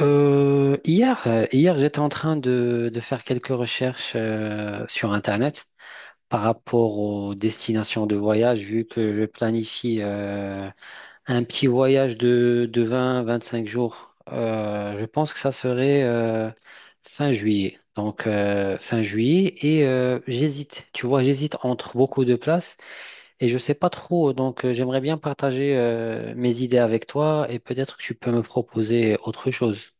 Hier, j'étais en train de faire quelques recherches sur Internet par rapport aux destinations de voyage, vu que je planifie un petit voyage de 20-25 jours. Je pense que ça serait fin juillet. Donc fin juillet et j'hésite. Tu vois, j'hésite entre beaucoup de places et je sais pas trop. Donc j'aimerais bien partager mes idées avec toi et peut-être que tu peux me proposer autre chose.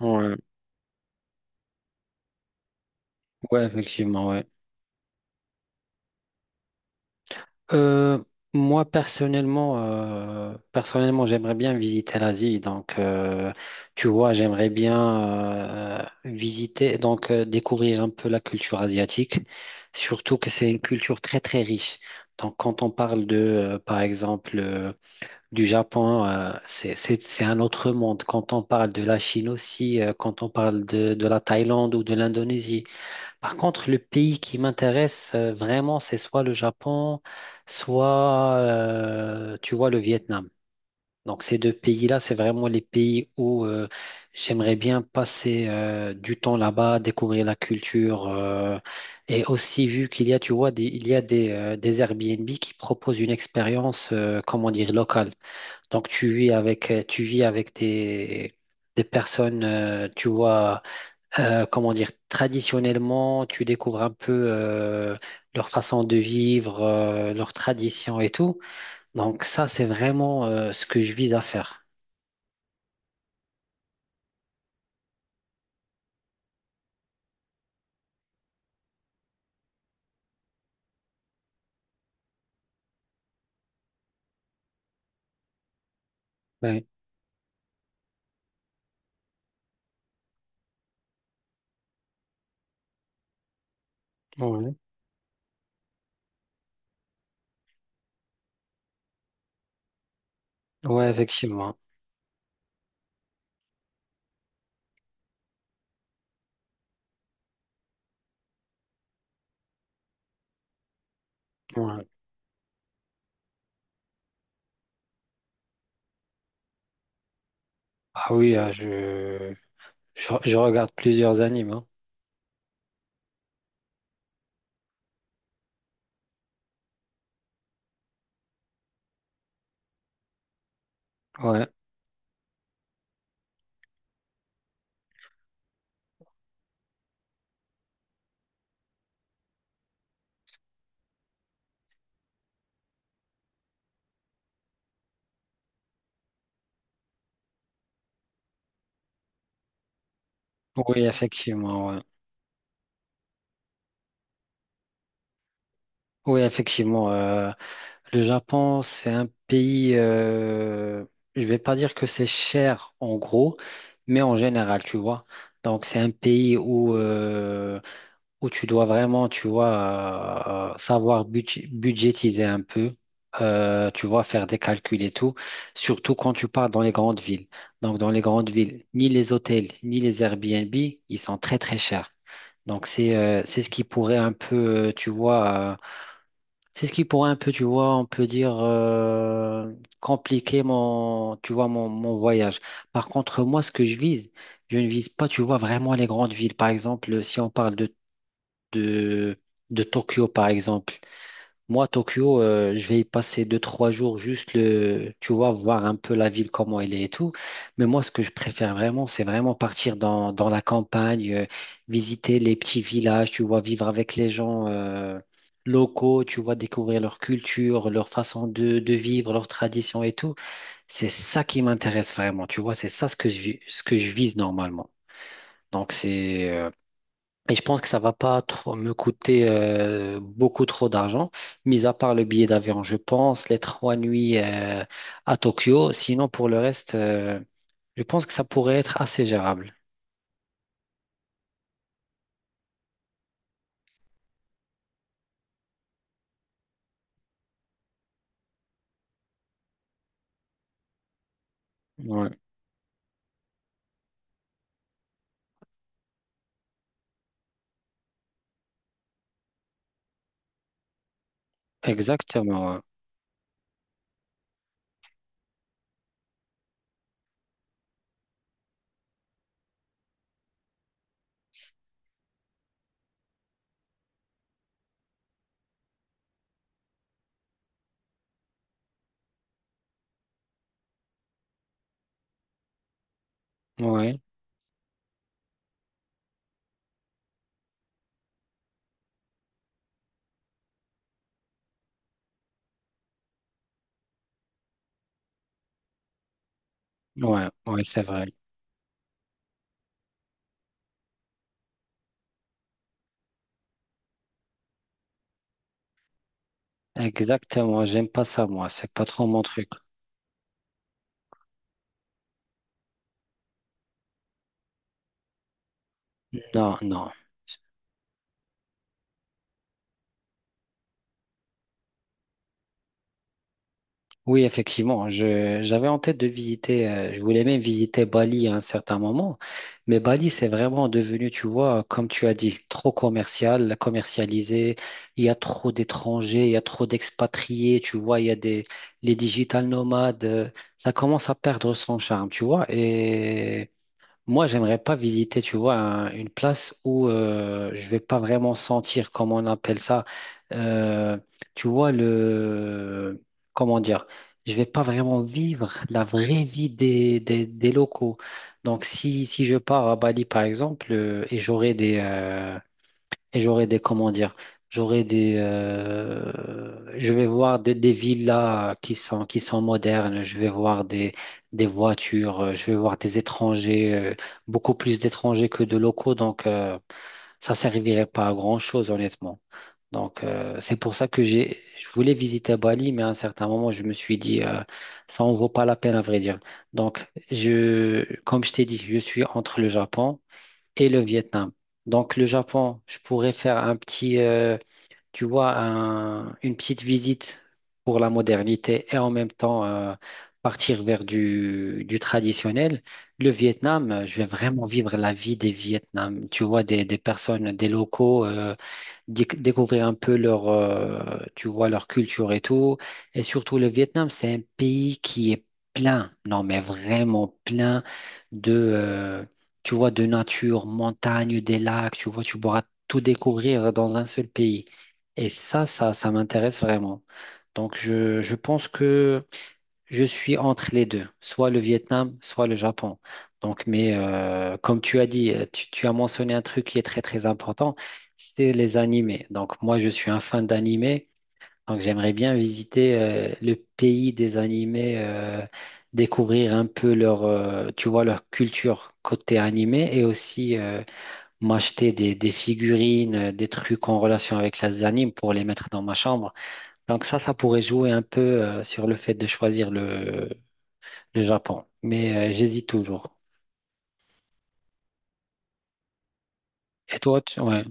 Ouais, ouais, effectivement, ouais. Euh, Moi, personnellement, j'aimerais bien visiter l'Asie. Donc, tu vois, j'aimerais bien visiter, donc découvrir un peu la culture asiatique, surtout que c'est une culture très, très riche. Donc, quand on parle de, par exemple, du Japon, c'est un autre monde. Quand on parle de la Chine aussi, quand on parle de la Thaïlande ou de l'Indonésie. Par contre, le pays qui m'intéresse vraiment, c'est soit le Japon, soit, tu vois, le Vietnam. Donc, ces deux pays-là, c'est vraiment les pays où j'aimerais bien passer du temps là-bas, découvrir la culture. Et aussi, vu qu'il y a, tu vois, des, il y a des Airbnb qui proposent une expérience, comment dire, locale. Donc, tu vis avec des personnes, tu vois comment dire, traditionnellement, tu découvres un peu leur façon de vivre, leurs traditions et tout. Donc ça, c'est vraiment ce que je vise à faire. Ouais, ouais, ouais, effectivement. Ouais. Ah oui, je regarde plusieurs animes, hein. Ouais. Oui, effectivement. Ouais. Oui, effectivement. Le Japon, c'est un pays, je vais pas dire que c'est cher en gros, mais en général, tu vois. Donc c'est un pays où tu dois vraiment, tu vois, savoir budgétiser un peu, tu vois, faire des calculs et tout, surtout quand tu pars dans les grandes villes. Donc dans les grandes villes, ni les hôtels, ni les Airbnb, ils sont très très chers. Donc c'est ce qui pourrait un peu, tu vois. C'est ce qui pourrait un peu, tu vois, on peut dire, compliquer mon, tu vois, mon voyage. Par contre, moi, ce que je vise, je ne vise pas, tu vois, vraiment les grandes villes. Par exemple, si on parle de, de Tokyo, par exemple. Moi, Tokyo, je vais y passer 2, 3 jours juste le, tu vois, voir un peu la ville, comment elle est et tout. Mais moi, ce que je préfère vraiment, c'est vraiment partir dans la campagne, visiter les petits villages, tu vois, vivre avec les gens, locaux, tu vois, découvrir leur culture, leur façon de vivre, leurs traditions et tout. C'est ça qui m'intéresse vraiment, tu vois, c'est ça ce que ce que je vise normalement. Donc, c'est, euh, et je pense que ça va pas trop me coûter beaucoup trop d'argent, mis à part le billet d'avion, je pense, les 3 nuits à Tokyo. Sinon, pour le reste, je pense que ça pourrait être assez gérable. Ouais, exactement. Ouais, ouais, ouais, ouais, c'est vrai. Exactement. J'aime pas ça, moi. C'est pas trop mon truc. Non, non. Oui, effectivement, j'avais en tête de visiter, je voulais même visiter Bali à un certain moment, mais Bali, c'est vraiment devenu, tu vois, comme tu as dit, trop commercial, commercialisé, il y a trop d'étrangers, il y a trop d'expatriés, tu vois, il y a des, les digital nomades, ça commence à perdre son charme, tu vois, et moi, j'aimerais pas visiter, tu vois, une place où je vais pas vraiment sentir, comment on appelle ça, euh, tu vois, le, comment dire, je vais pas vraiment vivre la vraie vie des locaux. Donc, si je pars à Bali, par exemple, et j'aurai des, comment dire, j'aurai des, je vais voir des villas qui sont modernes, je vais voir des voitures, je vais voir des étrangers, beaucoup plus d'étrangers que de locaux, donc ça servirait pas à grand-chose, honnêtement. Donc c'est pour ça que je voulais visiter Bali, mais à un certain moment, je me suis dit, ça en vaut pas la peine, à vrai dire. Donc, comme je t'ai dit, je suis entre le Japon et le Vietnam. Donc le Japon, je pourrais faire un petit, tu vois, une petite visite pour la modernité et en même temps partir vers du traditionnel. Le Vietnam, je vais vraiment vivre la vie des Vietnam, tu vois, des personnes, des locaux. Découvrir un peu leur, tu vois, leur culture et tout. Et surtout, le Vietnam, c'est un pays qui est plein, non, mais vraiment plein de, tu vois, de nature, montagne, des lacs, tu vois, tu pourras tout découvrir dans un seul pays. Et ça m'intéresse vraiment. Donc, je pense que je suis entre les deux, soit le Vietnam, soit le Japon. Donc, mais comme tu as dit, tu as mentionné un truc qui est très très important, c'est les animés. Donc moi, je suis un fan d'animés, donc j'aimerais bien visiter le pays des animés, découvrir un peu leur, tu vois, leur culture côté animé et aussi m'acheter des figurines, des trucs en relation avec les animes pour les mettre dans ma chambre. Donc ça pourrait jouer un peu sur le fait de choisir le Japon. Mais j'hésite toujours. Et toi, tu... Ouais,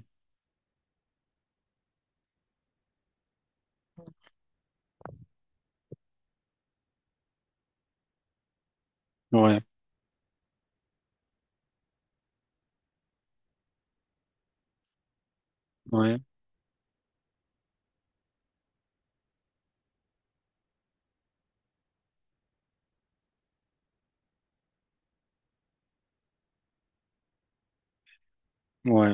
ouais, ouais, ouais,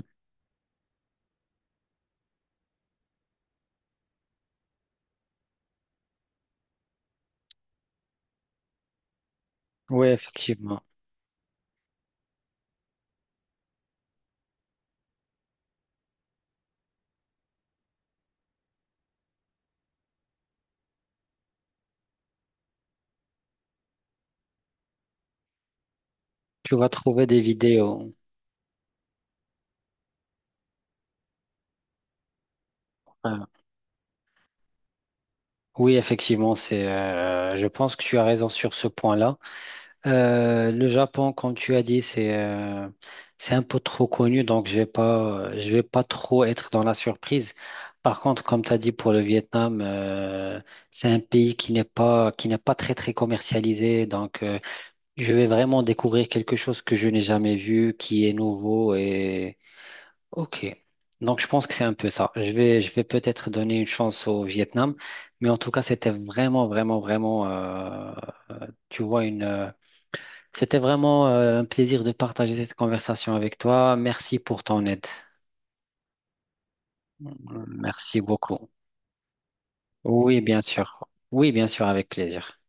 ouais, effectivement. Tu vas trouver des vidéos. Ouais. Oui, effectivement, c'est. Je pense que tu as raison sur ce point-là. Le Japon, comme tu as dit, c'est un peu trop connu, donc je vais pas trop être dans la surprise. Par contre, comme tu as dit pour le Vietnam, c'est un pays qui n'est pas très très commercialisé, donc. Je vais vraiment découvrir quelque chose que je n'ai jamais vu, qui est nouveau et ok. Donc je pense que c'est un peu ça. Je vais peut-être donner une chance au Vietnam, mais en tout cas c'était vraiment, vraiment, vraiment, tu vois une, euh, c'était vraiment un plaisir de partager cette conversation avec toi. Merci pour ton aide. Merci beaucoup. Oui, bien sûr. Oui, bien sûr, avec plaisir.